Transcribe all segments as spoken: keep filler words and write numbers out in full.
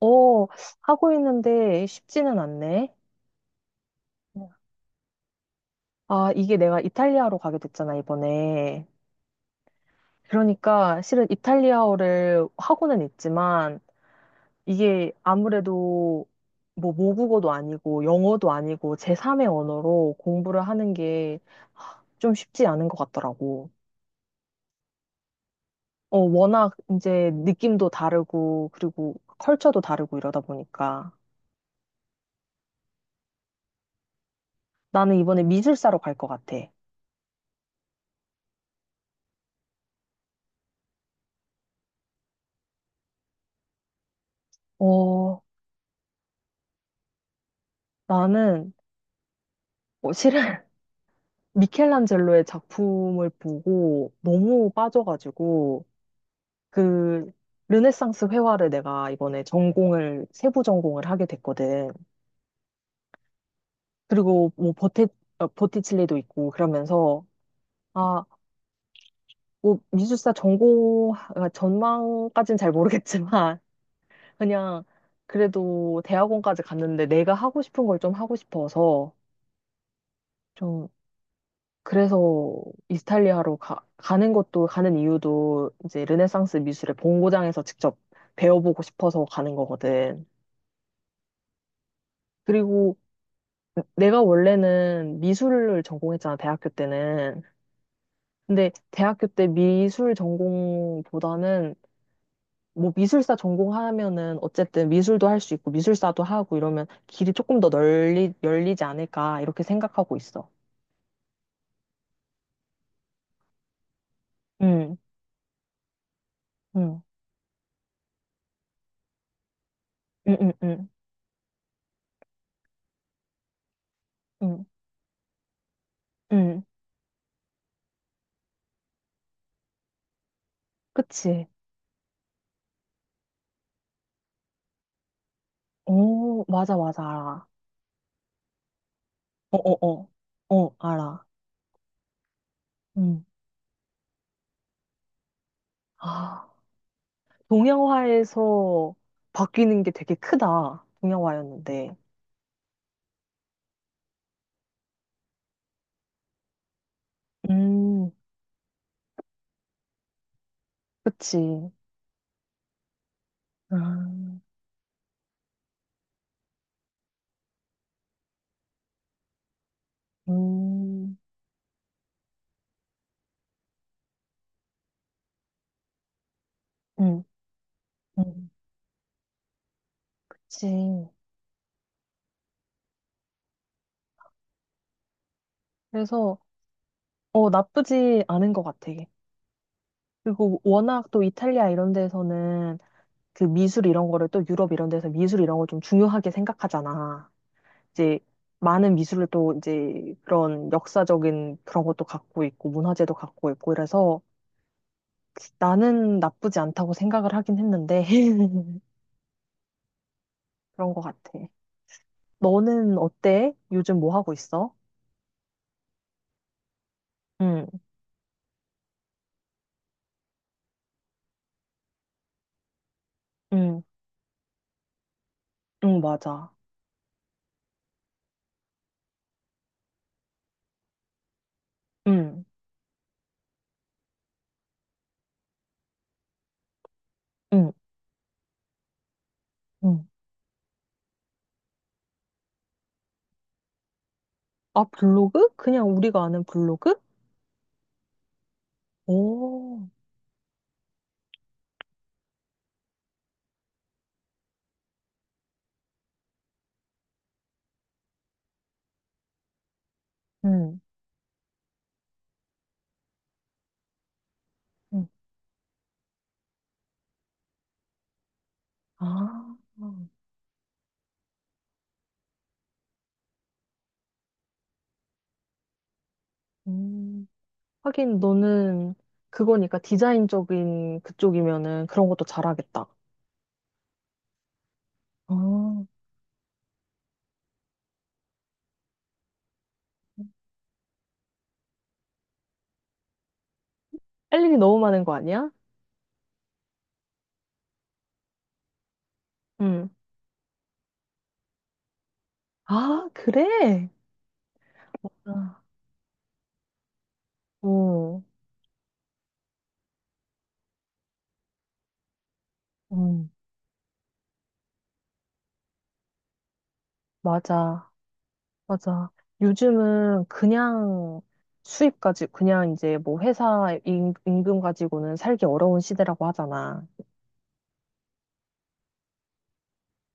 어, 하고 있는데 쉽지는 않네. 아, 이게 내가 이탈리아로 가게 됐잖아, 이번에. 그러니까 실은 이탈리아어를 하고는 있지만 이게 아무래도 뭐 모국어도 아니고 영어도 아니고 제삼의 언어로 공부를 하는 게 좀 쉽지 않은 것 같더라고. 어, 워낙 이제 느낌도 다르고 그리고 컬처도 다르고 이러다 보니까 나는 이번에 미술사로 갈 것 같아. 어, 나는 어, 실은 미켈란젤로의 작품을 보고 너무 빠져가지고 그 르네상스 회화를 내가 이번에 전공을 세부 전공을 하게 됐거든. 그리고 뭐 버티 어, 버티칠리도 있고 그러면서 아, 뭐 미술사 전공 아, 전망까진 잘 모르겠지만 그냥 그래도 대학원까지 갔는데 내가 하고 싶은 걸 좀 하고 싶어서 좀 그래서 이스탈리아로 가, 가는 것도 가는 이유도 이제 르네상스 미술의 본고장에서 직접 배워보고 싶어서 가는 거거든. 그리고 내가 원래는 미술을 전공했잖아, 대학교 때는. 근데 대학교 때 미술 전공보다는 뭐 미술사 전공하면은 어쨌든 미술도 할 수 있고 미술사도 하고 이러면 길이 조금 더 널리 열리지 않을까 이렇게 생각하고 있어. 응, 응, 응, 응, 응, 응, 응. 그치. 오, 맞아, 맞아, 알아. 어, 어, 어, 어, 알아. 음. 아, 동양화에서 바뀌는 게 되게 크다. 동양화였는데. 음, 그치. 음, 음, 음, 음, 그치. 그래서, 어, 나쁘지 않은 것 같아. 그리고 워낙 또 이탈리아 이런 데서는 그 미술 이런 거를 또 유럽 이런 데서 미술 이런 걸 좀 중요하게 생각하잖아. 이제 많은 미술을 또 이제 그런 역사적인 그런 것도 갖고 있고 문화재도 갖고 있고 이래서 나는 나쁘지 않다고 생각을 하긴 했는데 그런 것 같아. 너는 어때? 요즘 뭐 하고 있어? 응, 응, 응, 맞아. 응, 응, 응. 아, 블로그? 그냥 우리가 아는 블로그? 오, 응, 응. 아, 음. 하긴 너는 그거니까 디자인적인 그쪽이면은 그런 것도 잘하겠다. 어, 할 일이 너무 많은 거 아니야? 응, 아, 그래? 아, 어, 음, 맞아, 맞아. 요즘은 그냥 수입 가지고, 그냥 이제 뭐 회사 임- 임금 가지고는 살기 어려운 시대라고 하잖아.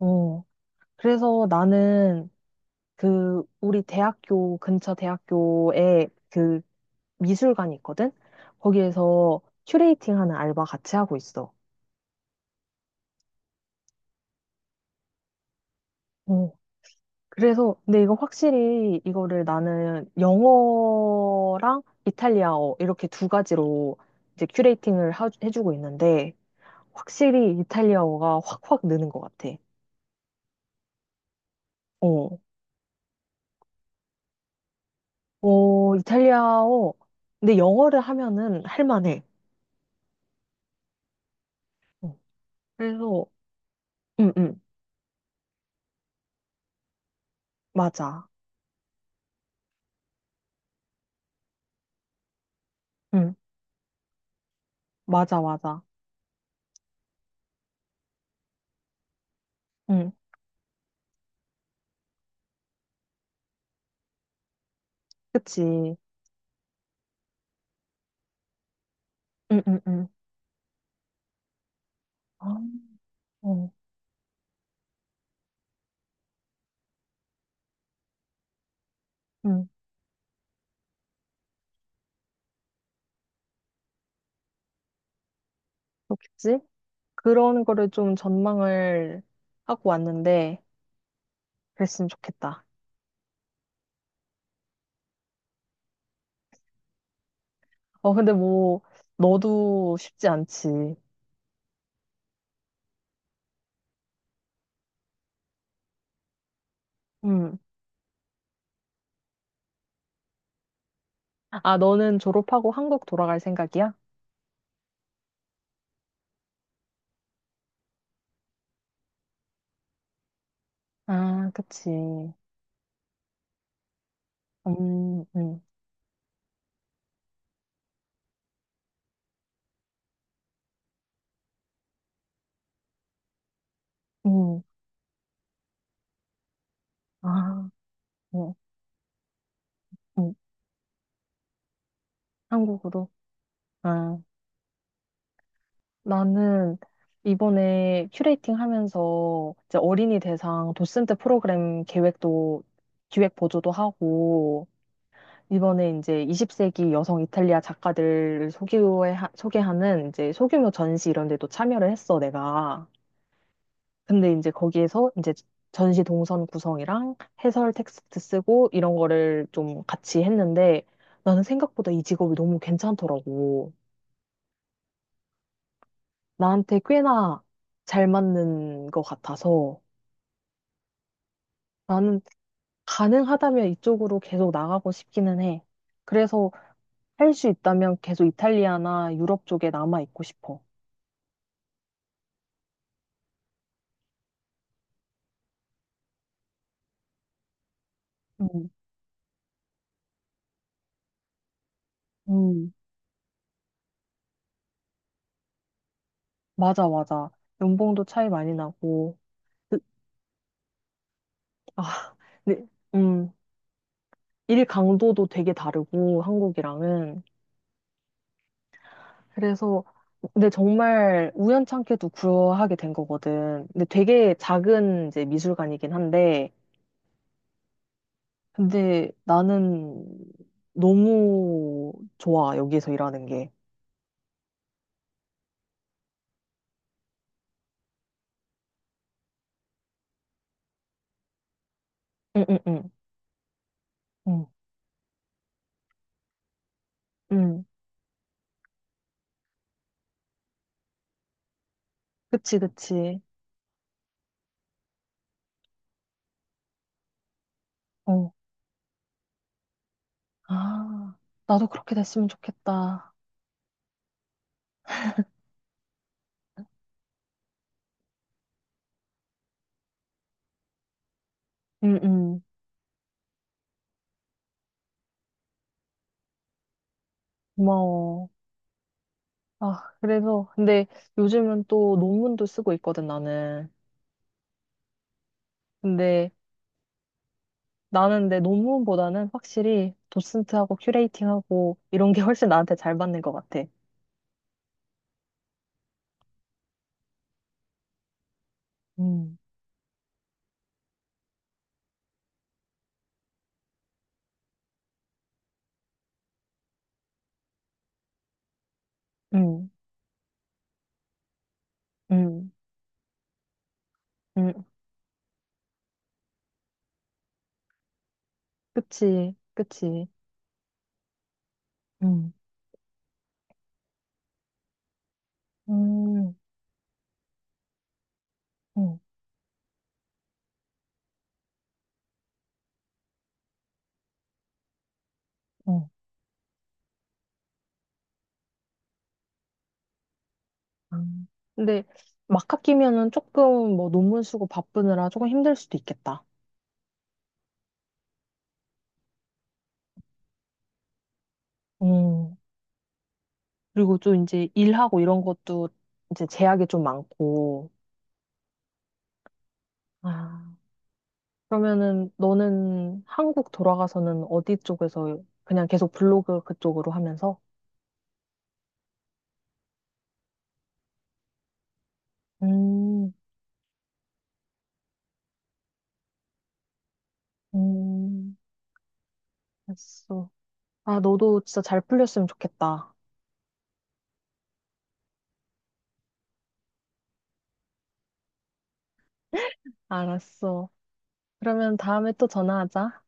어, 그래서 나는 그 우리 대학교 근처 대학교에 그 미술관이 있거든? 거기에서 큐레이팅 하는 알바 같이 하고 있어. 그래서, 근데 이거 확실히 이거를 나는 영어랑 이탈리아어 이렇게 두 가지로 이제 큐레이팅을 하- 해주고 있는데, 확실히 이탈리아어가 확확 느는 것 같아. 어, 어, 이탈리아어. 근데 영어를 하면은 할만해. 어, 그래서, 응, 응, 맞아. 응, 맞아, 맞아. 응, 그치. 응, 응, 응. 아, 어, 응, 그렇겠지? 그런 거를 좀 전망을 하고 왔는데, 그랬으면 좋겠다. 어, 근데 뭐, 너도 쉽지 않지. 음. 아, 너는 졸업하고 한국 돌아갈 생각이야? 아, 그치. 음, 음, 음. 아, 음, 음. 한국으로. 아, 나는 이번에 큐레이팅 하면서 이제 어린이 대상 도슨트 프로그램 계획도, 기획 보조도 하고, 이번에 이제 이십 세기 여성 이탈리아 작가들을 소개해, 소개하는 이제 소규모 전시 이런 데도 참여를 했어, 내가. 근데 이제 거기에서 이제 전시 동선 구성이랑 해설 텍스트 쓰고 이런 거를 좀 같이 했는데 나는 생각보다 이 직업이 너무 괜찮더라고. 나한테 꽤나 잘 맞는 것 같아서 나는 가능하다면 이쪽으로 계속 나가고 싶기는 해. 그래서 할 수 있다면 계속 이탈리아나 유럽 쪽에 남아 있고 싶어. 음. 음, 맞아, 맞아. 연봉도 차이 많이 나고, 그- 아, 네, 음, 일 강도도 되게 다르고, 한국이랑은. 그래서, 근데 정말 우연찮게도 구하게 된 거거든. 근데 되게 작은 이제 미술관이긴 한데, 근데 나는 너무 좋아, 여기서 일하는 게. 응, 응, 응. 응, 응. 그치, 그치. 어. 아, 나도 그렇게 됐으면 좋겠다. 응, 응. 고마워. 아, 그래서, 근데 요즘은 또 논문도 쓰고 있거든, 나는. 근데 나는 내 논문보다는 확실히 도슨트하고 큐레이팅하고 이런 게 훨씬 나한테 잘 맞는 것 같아. 음, 음, 음, 음. 그치, 그치. 음, 음, 음, 음. 음. 근데 막 학기면은 조금 뭐 논문 쓰고 바쁘느라 조금 힘들 수도 있겠다. 음. 그리고 또 이제 일하고 이런 것도 이제 제약이 좀 많고. 아. 그러면은 너는 한국 돌아가서는 어디 쪽에서 그냥 계속 블로그 그쪽으로 하면서? 음, 음, 알았어. 아, 너도 진짜 잘 풀렸으면 좋겠다. 알았어. 그러면 다음에 또 전화하자.